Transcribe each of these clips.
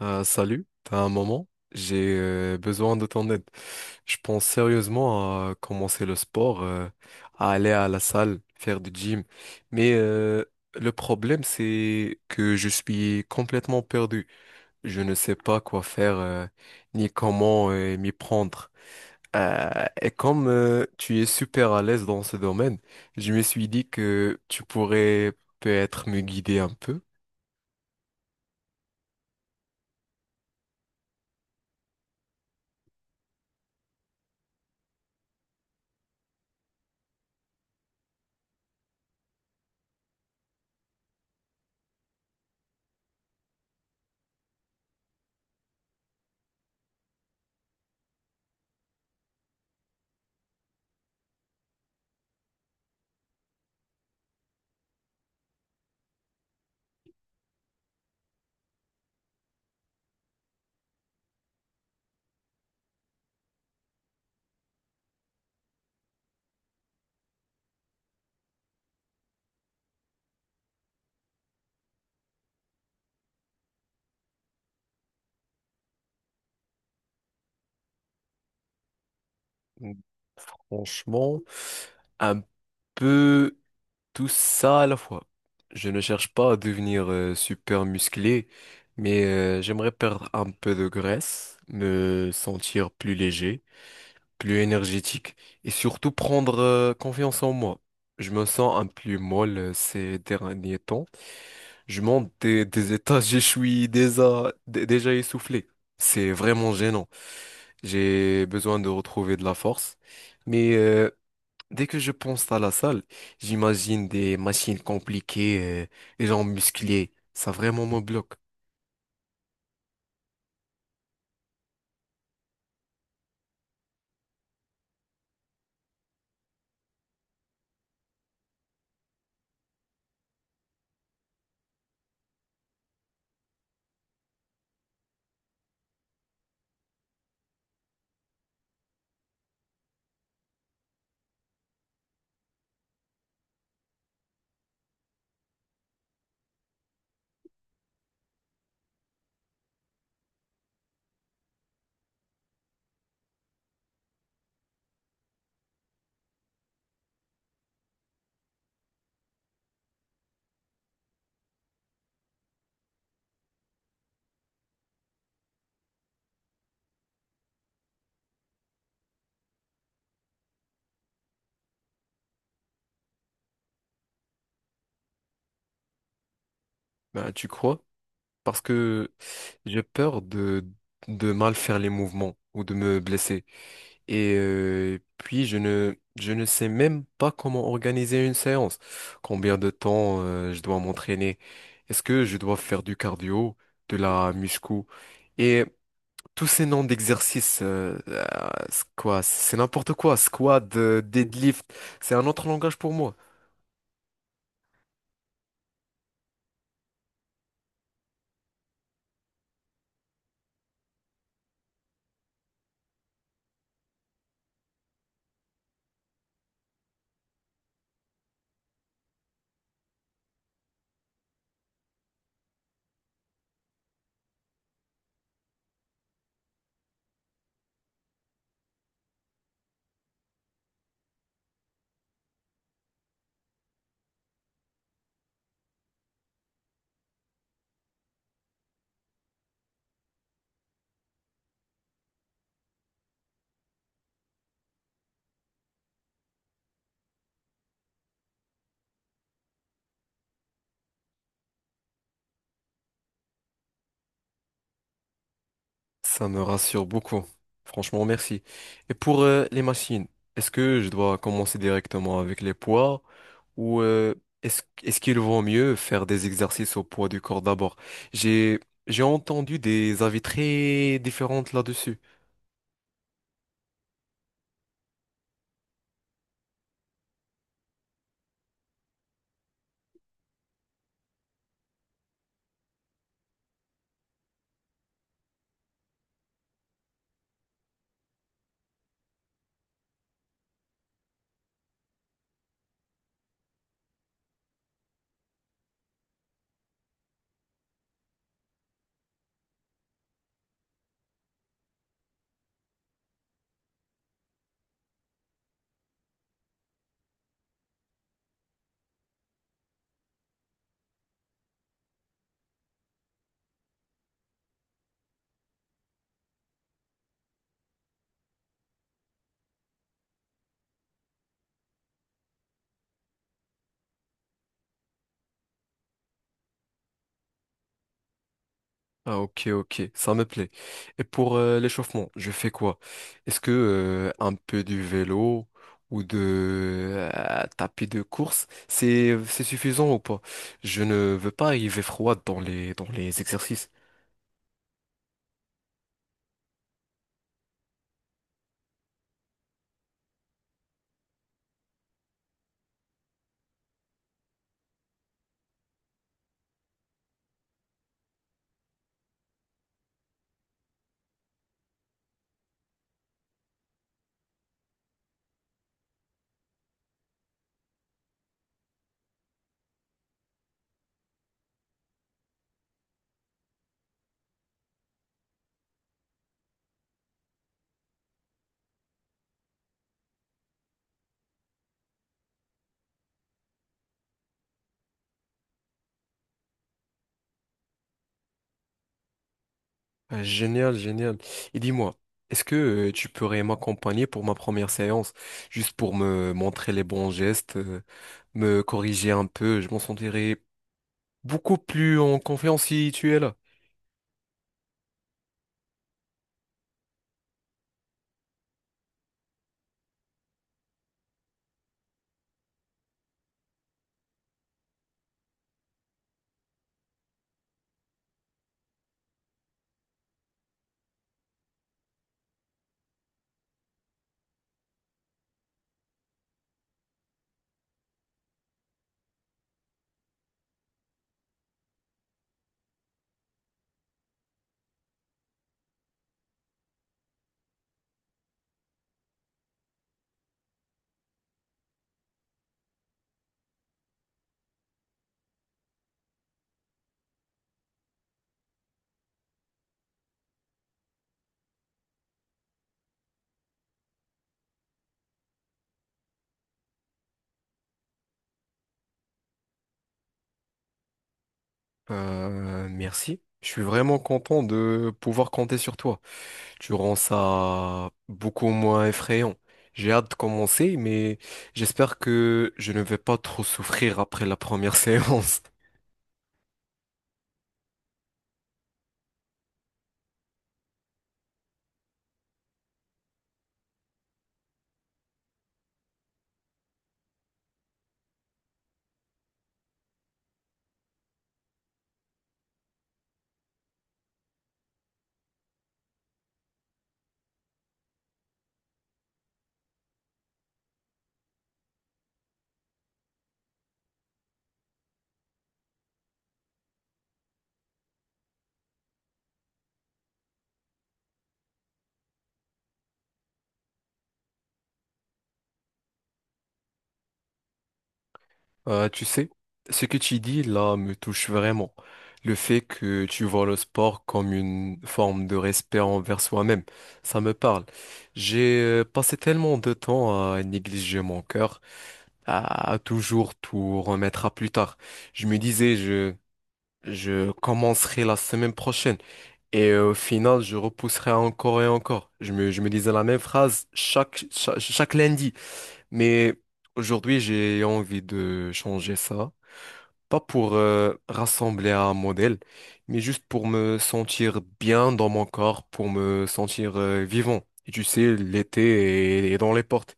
Salut, t'as un moment? J'ai besoin de ton aide. Je pense sérieusement à commencer le sport, à aller à la salle, faire du gym. Mais euh, le problème, c'est que je suis complètement perdu. Je ne sais pas quoi faire, ni comment m'y prendre. Et comme tu es super à l'aise dans ce domaine, je me suis dit que tu pourrais peut-être me guider un peu. Franchement, un peu. Tout ça à la fois. Je ne cherche pas à devenir super musclé, mais j'aimerais perdre un peu de graisse, me sentir plus léger, plus énergétique et surtout prendre confiance en moi. Je me sens un peu molle ces derniers temps. Je monte des étages, je suis déjà essoufflé. C'est vraiment gênant. J'ai besoin de retrouver de la force. Mais euh, Dès que je pense à la salle, j'imagine des machines compliquées, des gens musclés. Ça vraiment me bloque. Ben, tu crois? Parce que j'ai peur de mal faire les mouvements ou de me blesser. Et puis, je ne sais même pas comment organiser une séance. Combien de temps je dois m'entraîner? Est-ce que je dois faire du cardio, de la muscu? Et tous ces noms d'exercices, c'est quoi, c'est n'importe quoi. Squat, deadlift, c'est un autre langage pour moi. Ça me rassure beaucoup. Franchement, merci. Et pour les machines, est-ce que je dois commencer directement avec les poids ou est-ce qu'il vaut mieux faire des exercices au poids du corps d'abord? J'ai j'ai entendu des avis très différents là-dessus. Ah, ok, ok, ça me plaît. Et pour l'échauffement, je fais quoi? Est-ce que un peu du vélo ou de tapis de course, c'est suffisant ou pas? Je ne veux pas arriver froid dans les exercices. Ah, génial, génial. Et dis-moi, est-ce que tu pourrais m'accompagner pour ma première séance, juste pour me montrer les bons gestes, me corriger un peu, je m'en sentirais beaucoup plus en confiance si tu es là. Merci. Je suis vraiment content de pouvoir compter sur toi. Tu rends ça beaucoup moins effrayant. J'ai hâte de commencer, mais j'espère que je ne vais pas trop souffrir après la première séance. Tu sais, ce que tu dis là me touche vraiment. Le fait que tu vois le sport comme une forme de respect envers soi-même, ça me parle. J'ai passé tellement de temps à négliger mon cœur, à toujours tout remettre à plus tard. Je me disais, je commencerai la semaine prochaine. Et au final, je repousserai encore et encore. Je me disais la même phrase chaque lundi. Mais aujourd'hui, j'ai envie de changer ça. Pas pour rassembler un modèle, mais juste pour me sentir bien dans mon corps, pour me sentir vivant. Et tu sais, l'été est dans les portes.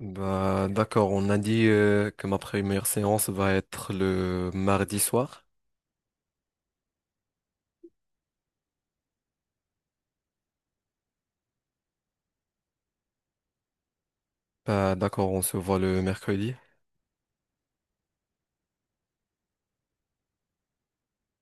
Bah, d'accord, on a dit que ma première séance va être le mardi soir. Bah, d'accord, on se voit le mercredi.